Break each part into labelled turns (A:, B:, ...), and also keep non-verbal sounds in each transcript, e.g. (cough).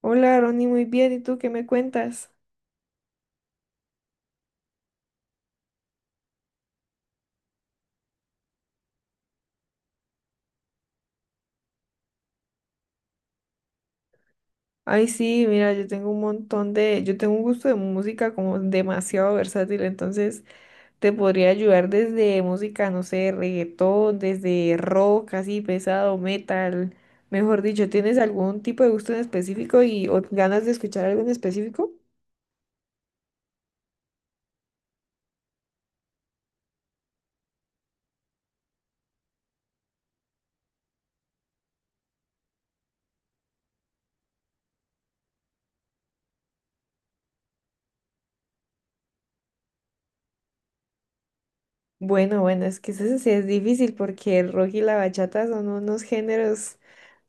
A: Hola, Ronnie, muy bien. ¿Y tú qué me cuentas? Ay, sí, mira, yo tengo un gusto de música como demasiado versátil, entonces te podría ayudar desde música, no sé, reggaetón, desde rock, así pesado, metal. Mejor dicho, ¿tienes algún tipo de gusto en específico y o ganas de escuchar algo en específico? Bueno, bueno, es que eso sí es difícil porque el rock y la bachata son unos géneros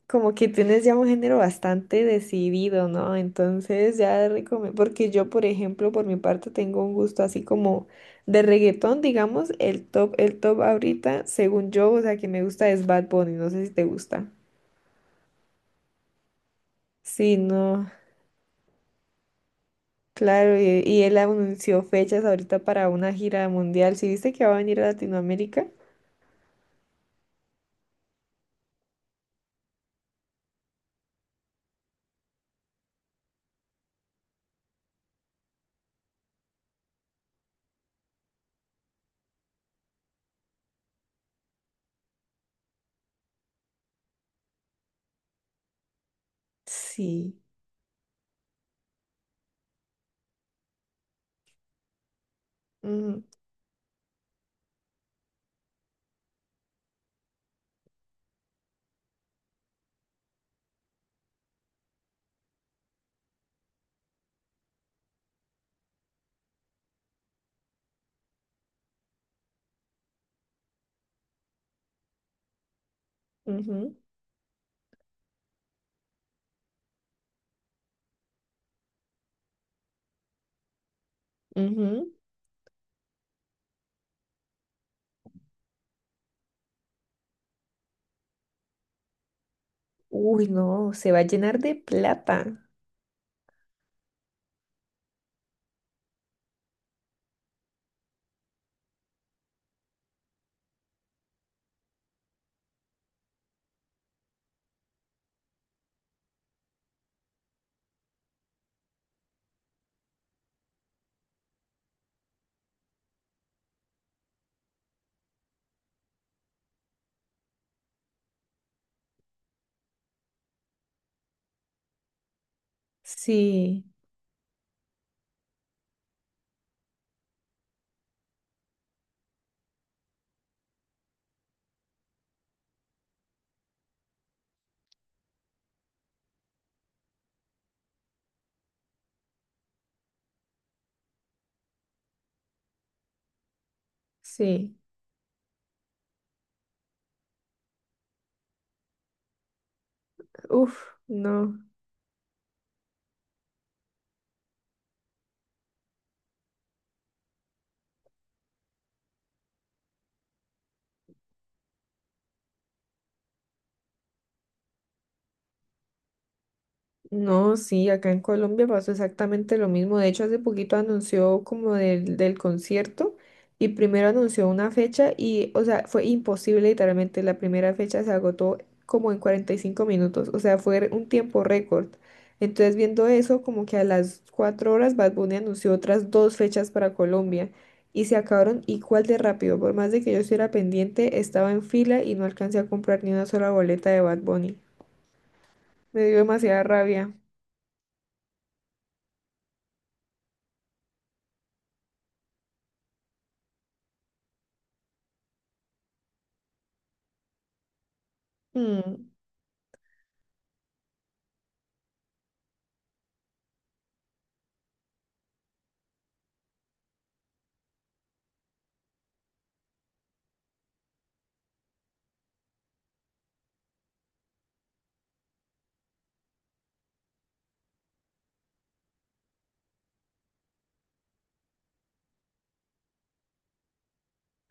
A: como que tienes ya un género bastante decidido, ¿no? Entonces ya recomiendo, porque yo, por ejemplo, por mi parte tengo un gusto así como de reggaetón, digamos, el top ahorita, según yo, o sea, que me gusta es Bad Bunny, no sé si te gusta. Sí, no, claro, y él anunció fechas ahorita para una gira mundial, ¿sí viste que va a venir a Latinoamérica? Sí. Ujú, ujú, ujú. Uy, no, se va a llenar de plata. Sí, sí. Uf, no, no, sí, acá en Colombia pasó exactamente lo mismo. De hecho, hace poquito anunció como del concierto y primero anunció una fecha y, o sea, fue imposible, literalmente, la primera fecha se agotó como en 45 minutos, o sea, fue un tiempo récord. Entonces, viendo eso, como que a las 4 horas Bad Bunny anunció otras dos fechas para Colombia y se acabaron igual de rápido. Por más de que yo estuviera pendiente, estaba en fila y no alcancé a comprar ni una sola boleta de Bad Bunny. Me dio demasiada rabia. Mm,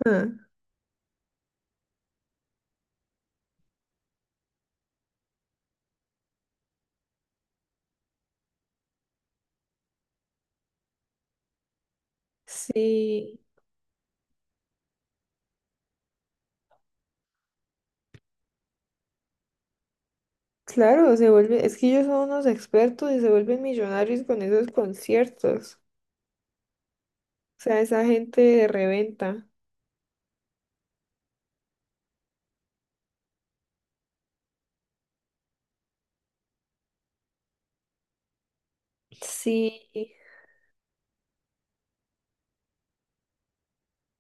A: ah, sí, claro, se vuelve, es que ellos son unos expertos y se vuelven millonarios con esos conciertos. O sea, esa gente de reventa. Sí,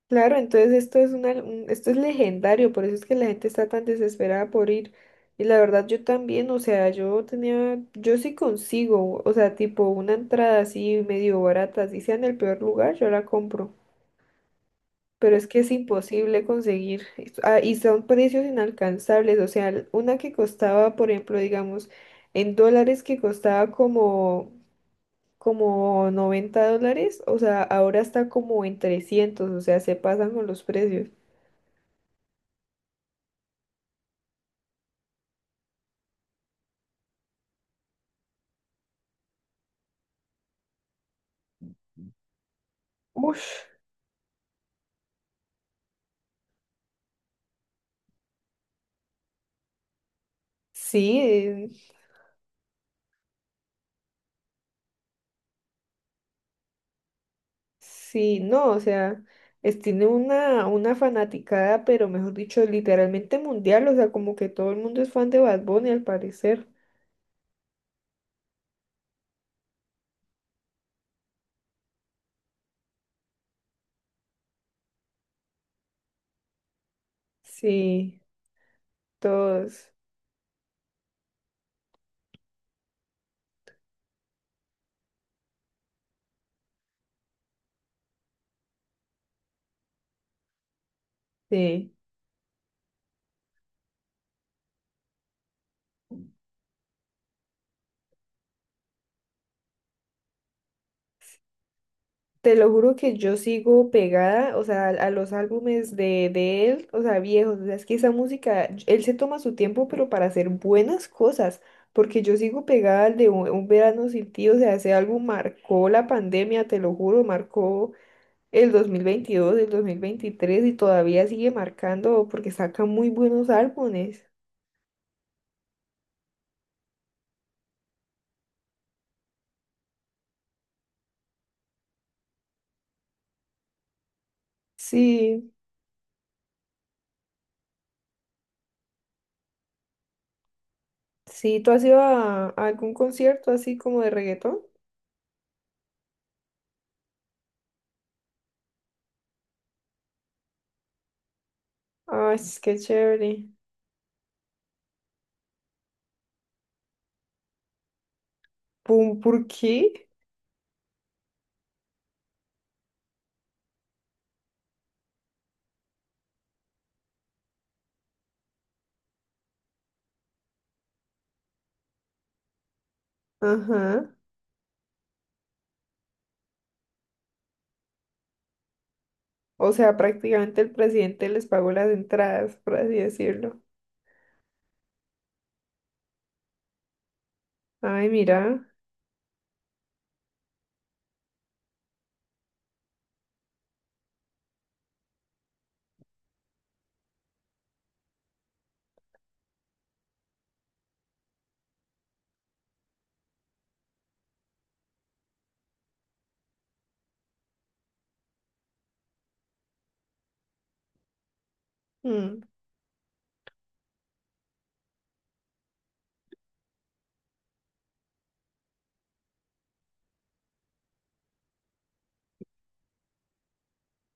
A: claro, entonces esto es esto es legendario, por eso es que la gente está tan desesperada por ir. Y la verdad yo también, o sea, yo tenía, yo sí consigo, o sea, tipo una entrada así medio barata, así sea en el peor lugar, yo la compro. Pero es que es imposible conseguir. Y son precios inalcanzables. O sea, una que costaba, por ejemplo, digamos, en dólares que costaba como $90, o sea, ahora está como en trescientos, o sea, se pasan con los precios. Ush. Sí, sí, no, o sea, es, una fanaticada, pero mejor dicho, literalmente mundial, o sea, como que todo el mundo es fan de Bad Bunny al parecer. Sí, todos, sí. Te lo juro que yo sigo pegada, o sea, a los álbumes de él, o sea, viejos, o sea, es que esa música, él se toma su tiempo, pero para hacer buenas cosas, porque yo sigo pegada al de un verano sin ti, o sea, ese álbum marcó la pandemia, te lo juro, marcó el 2022, el 2023 y todavía sigue marcando porque saca muy buenos álbumes. Sí, sí, ¿tú has ido a algún concierto así como de reggaetón? Ay, es que chévere. Pum, ¿por qué? Ajá. O sea, prácticamente el presidente les pagó las entradas, por así decirlo. Ay, mira. Mm,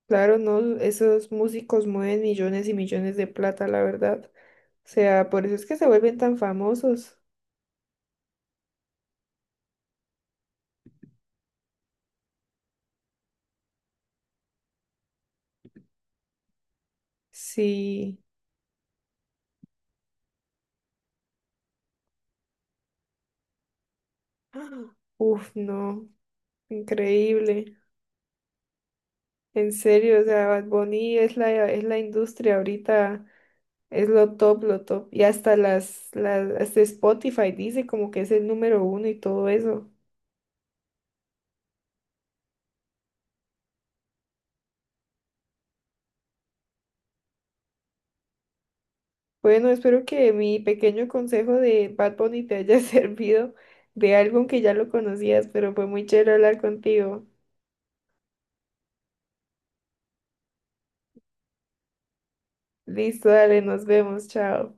A: claro, no, esos músicos mueven millones y millones de plata, la verdad. O sea, por eso es que se vuelven tan famosos. Sí. (gasps) ¡Ah! Uf, no. Increíble. En serio, o sea, Bad Bunny es la industria ahorita. Es lo top, lo top. Y hasta hasta Spotify dice como que es el número uno y todo eso. Bueno, espero que mi pequeño consejo de Bad Bunny te haya (laughs) servido de algo que ya lo conocías, pero fue muy chévere hablar contigo. Listo, dale, nos vemos, chao.